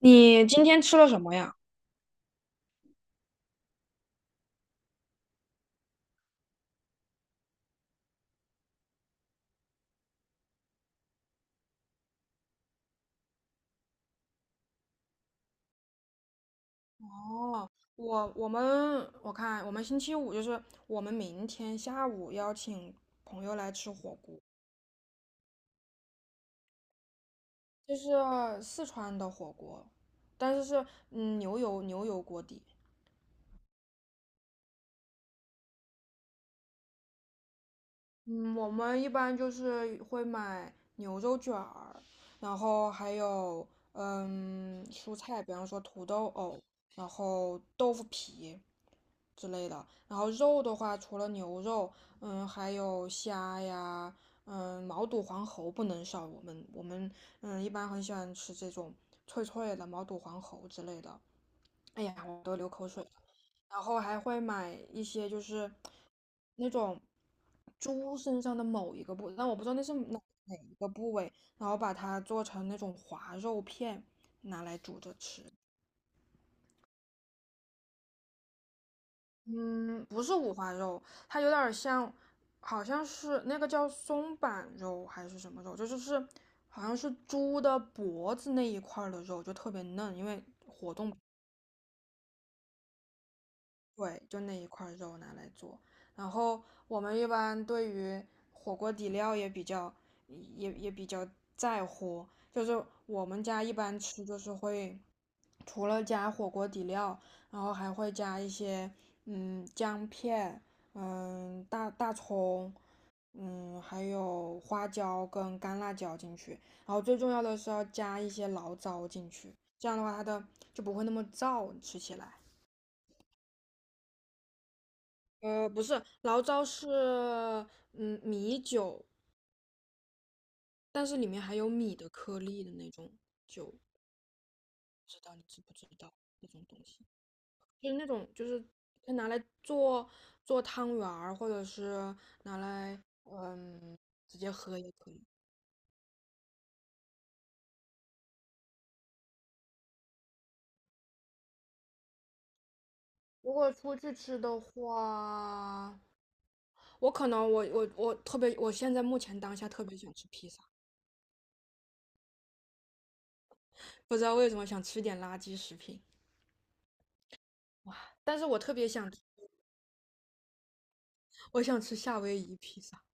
你今天吃了什么呀？哦，我我们我看我们星期五我们明天下午邀请朋友来吃火锅，就是四川的火锅，但是牛油锅底。嗯，我们一般就是会买牛肉卷儿，然后还有蔬菜，比方说土豆藕，然后豆腐皮之类的。然后肉的话，除了牛肉，嗯，还有虾呀，嗯，毛肚、黄喉不能少。我们一般很喜欢吃这种脆脆的毛肚、黄喉之类的。哎呀，我都流口水了。然后还会买一些那种猪身上的某一个部位，但我不知道那是哪一个部位，然后把它做成那种滑肉片，拿来煮着吃。嗯，不是五花肉，它有点儿像，好像是那个叫松板肉还是什么肉，就是好像是猪的脖子那一块儿的肉，就特别嫩，因为活动对，就那一块儿肉拿来做。然后我们一般对于火锅底料也比较，也比较在乎。就是我们家一般吃，就是除了加火锅底料，然后还会加一些姜片，嗯,大葱，嗯还有花椒跟干辣椒进去。然后最重要的是要加一些醪糟进去，这样的话它的就不会那么燥，吃起来。呃，不是，醪糟是嗯米酒，但是里面还有米的颗粒的那种，不知道你知不知道那种东西？就是那种可以拿来做汤圆儿，或者是拿来直接喝也可以。如果出去吃的话，我可能我我我特别，我现在目前当下特别想吃披萨，不知道为什么想吃点垃圾食品，哇！但是我特别想，我想吃夏威夷披萨。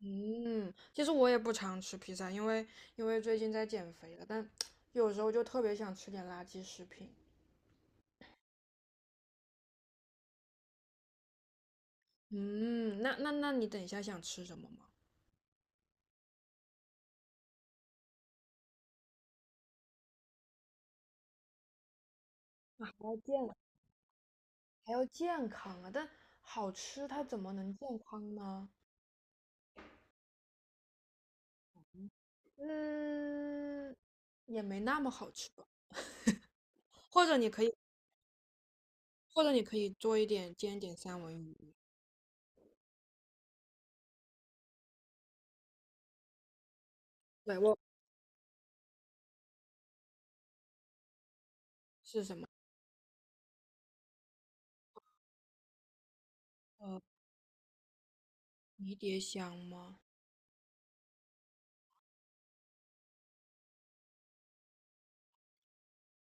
嗯，其实我也不常吃披萨，因为最近在减肥了，但 有时候就特别想吃点垃圾食品。嗯，那你等一下想吃什么吗？啊，还要健康啊，但好吃它怎么能健康呢？嗯，也没那么好吃吧。或者你可以，或者你可以做一点，煎一点三文鱼。对，我是什么？呃，迷迭香吗？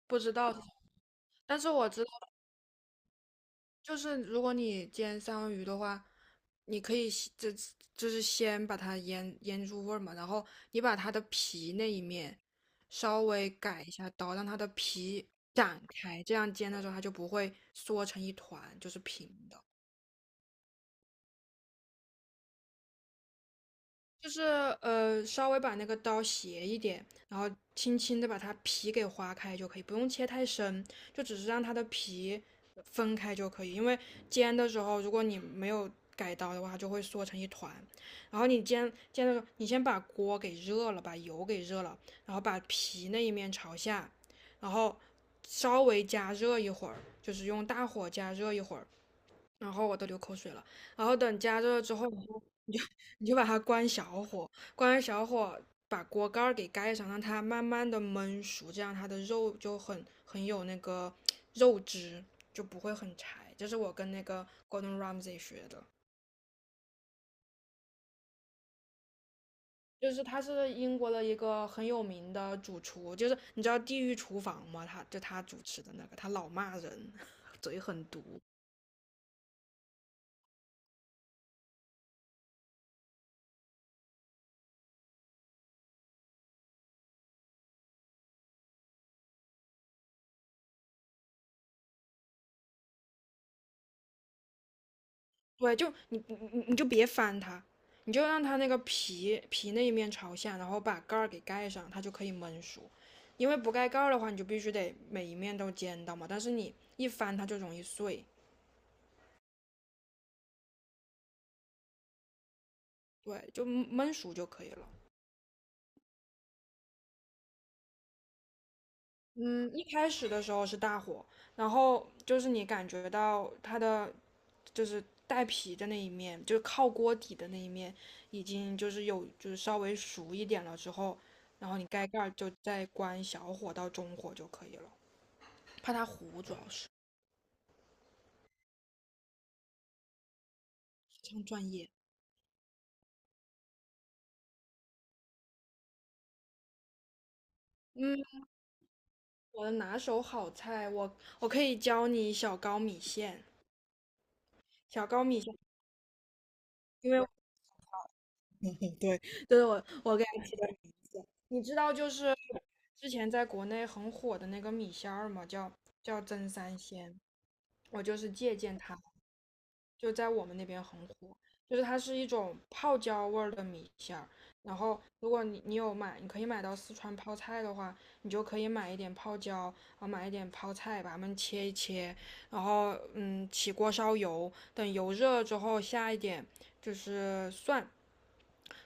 不知道是什么，但是我知。就是如果你煎三文鱼的话，你可以先这就是先把它腌入味儿嘛，然后你把它的皮那一面稍微改一下刀，让它的皮展开，这样煎的时候它就不会缩成一团，就是平的。就是呃，稍微把那个刀斜一点，然后轻轻的把它皮给划开就可以，不用切太深，就只是让它的皮分开就可以。因为煎的时候，如果你没有改刀的话，它就会缩成一团。然后你煎的时候，你先把锅给热了，把油给热了，然后把皮那一面朝下，然后稍微加热一会儿，就是用大火加热一会儿，然后我都流口水了。然后等加热了之后，你就把它关小火，关完小火把锅盖儿给盖上，让它慢慢的焖熟，这样它的肉就很有那个肉汁，就不会很柴。这是我跟那个 Gordon Ramsay 学的，就是他是英国的一个很有名的主厨，就是你知道地狱厨房吗？他就他主持的那个，他老骂人。对，就你就别翻它，你就让它那个皮那一面朝下，然后把盖儿给盖上，它就可以焖熟。因为不盖盖儿的话，你就必须得每一面都煎到嘛，但是你一翻它就容易碎。对，就焖熟就可以了。嗯，一开始的时候是大火，然后就是你感觉到它的就是带皮的那一面，就是靠锅底的那一面，已经就是有就是稍微熟一点了之后，然后你盖盖儿就再关小火到中火就可以了，怕它糊，主要是非常专业。嗯，我的拿手好菜，我可以教你小高米线，小高米线，因为对，对我我给你知道就是之前在国内很火的那个米线儿嘛，叫真三鲜，我就是借鉴它。就在我们那边很火，就是它是一种泡椒味儿的米线儿。然后，如果你有买，你可以买到四川泡菜的话，你就可以买一点泡椒，然后买一点泡菜，把它们切一切，然后嗯，起锅烧油，等油热了之后下一点蒜，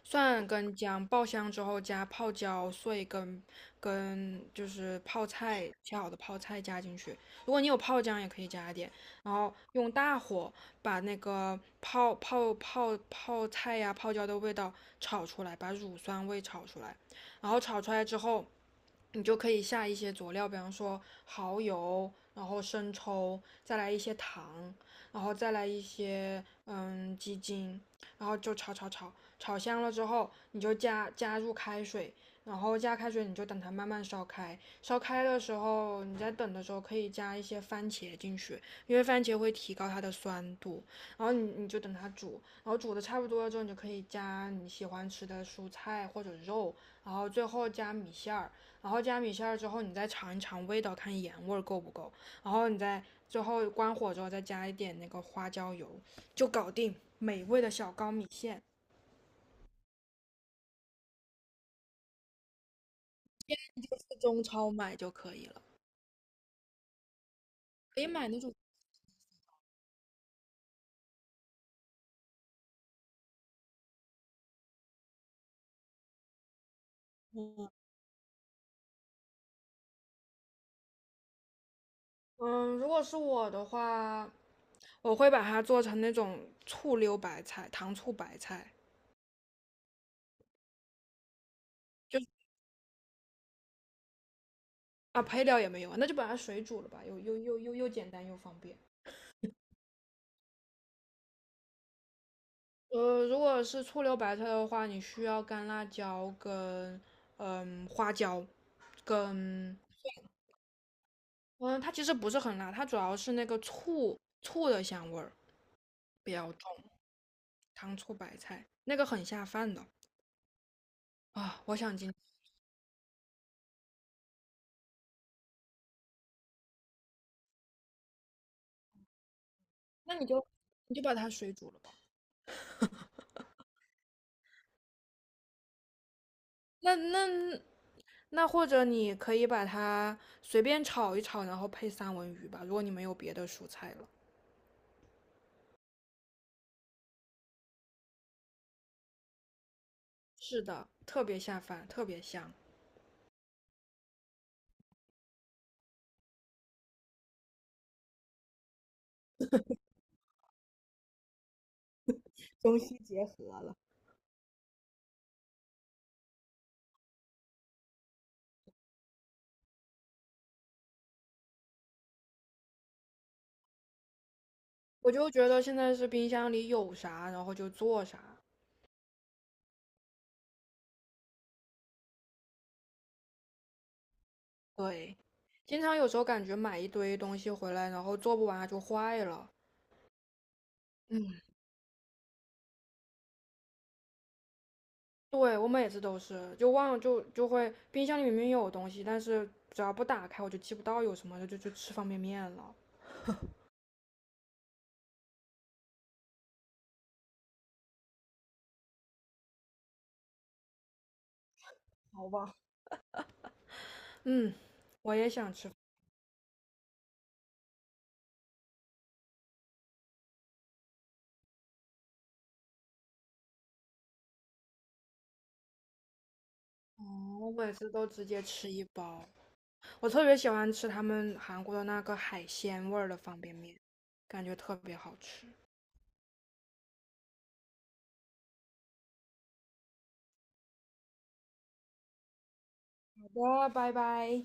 蒜跟姜爆香之后加泡椒碎跟泡菜，切好的泡菜加进去，如果你有泡姜也可以加一点，然后用大火把那个泡菜呀、泡椒的味道炒出来，把乳酸味炒出来，然后炒出来之后，你就可以下一些佐料，比方说蚝油，然后生抽，再来一些糖，然后再来一些鸡精，然后就炒，炒香了之后，你就加入开水，然后加开水你就等它慢慢烧开。烧开的时候，你在等的时候可以加一些番茄进去，因为番茄会提高它的酸度。然后你就等它煮，然后煮的差不多了之后，你就可以加你喜欢吃的蔬菜或者肉，然后最后加米线儿，然后加米线儿之后，你再尝一尝味道，看盐味儿够不够，然后你再最后关火之后再加一点那个花椒油，就搞定美味的小高米线。就是中超买就可以了，可以买那种。嗯，如果是我的话，我会把它做成那种醋溜白菜、糖醋白菜，就啊，配料也没有啊，那就把它水煮了吧，又简单又方便。呃，如果是醋溜白菜的话，你需要干辣椒跟花椒，跟嗯，它其实不是很辣，它主要是那个醋的香味儿比较重，糖醋白菜那个很下饭的啊，我想今那你就，你就把它水煮了吧。那那那或者你可以把它随便炒一炒，然后配三文鱼吧，如果你没有别的蔬菜了。是的，特别下饭，特别香。我就觉得现在是冰箱里有啥，然后就做啥。对，经常有时候感觉买一堆东西回来，然后做不完它就坏了。嗯，对，我每次都是，就忘了，就会冰箱里明明有东西，但是只要不打开我就记不到有什么，就吃方便面了。好吧。嗯，我也想吃饭，我每次都直接吃一包。我特别喜欢吃他们韩国的那个海鲜味儿的方便面，感觉特别好吃。好的，拜拜。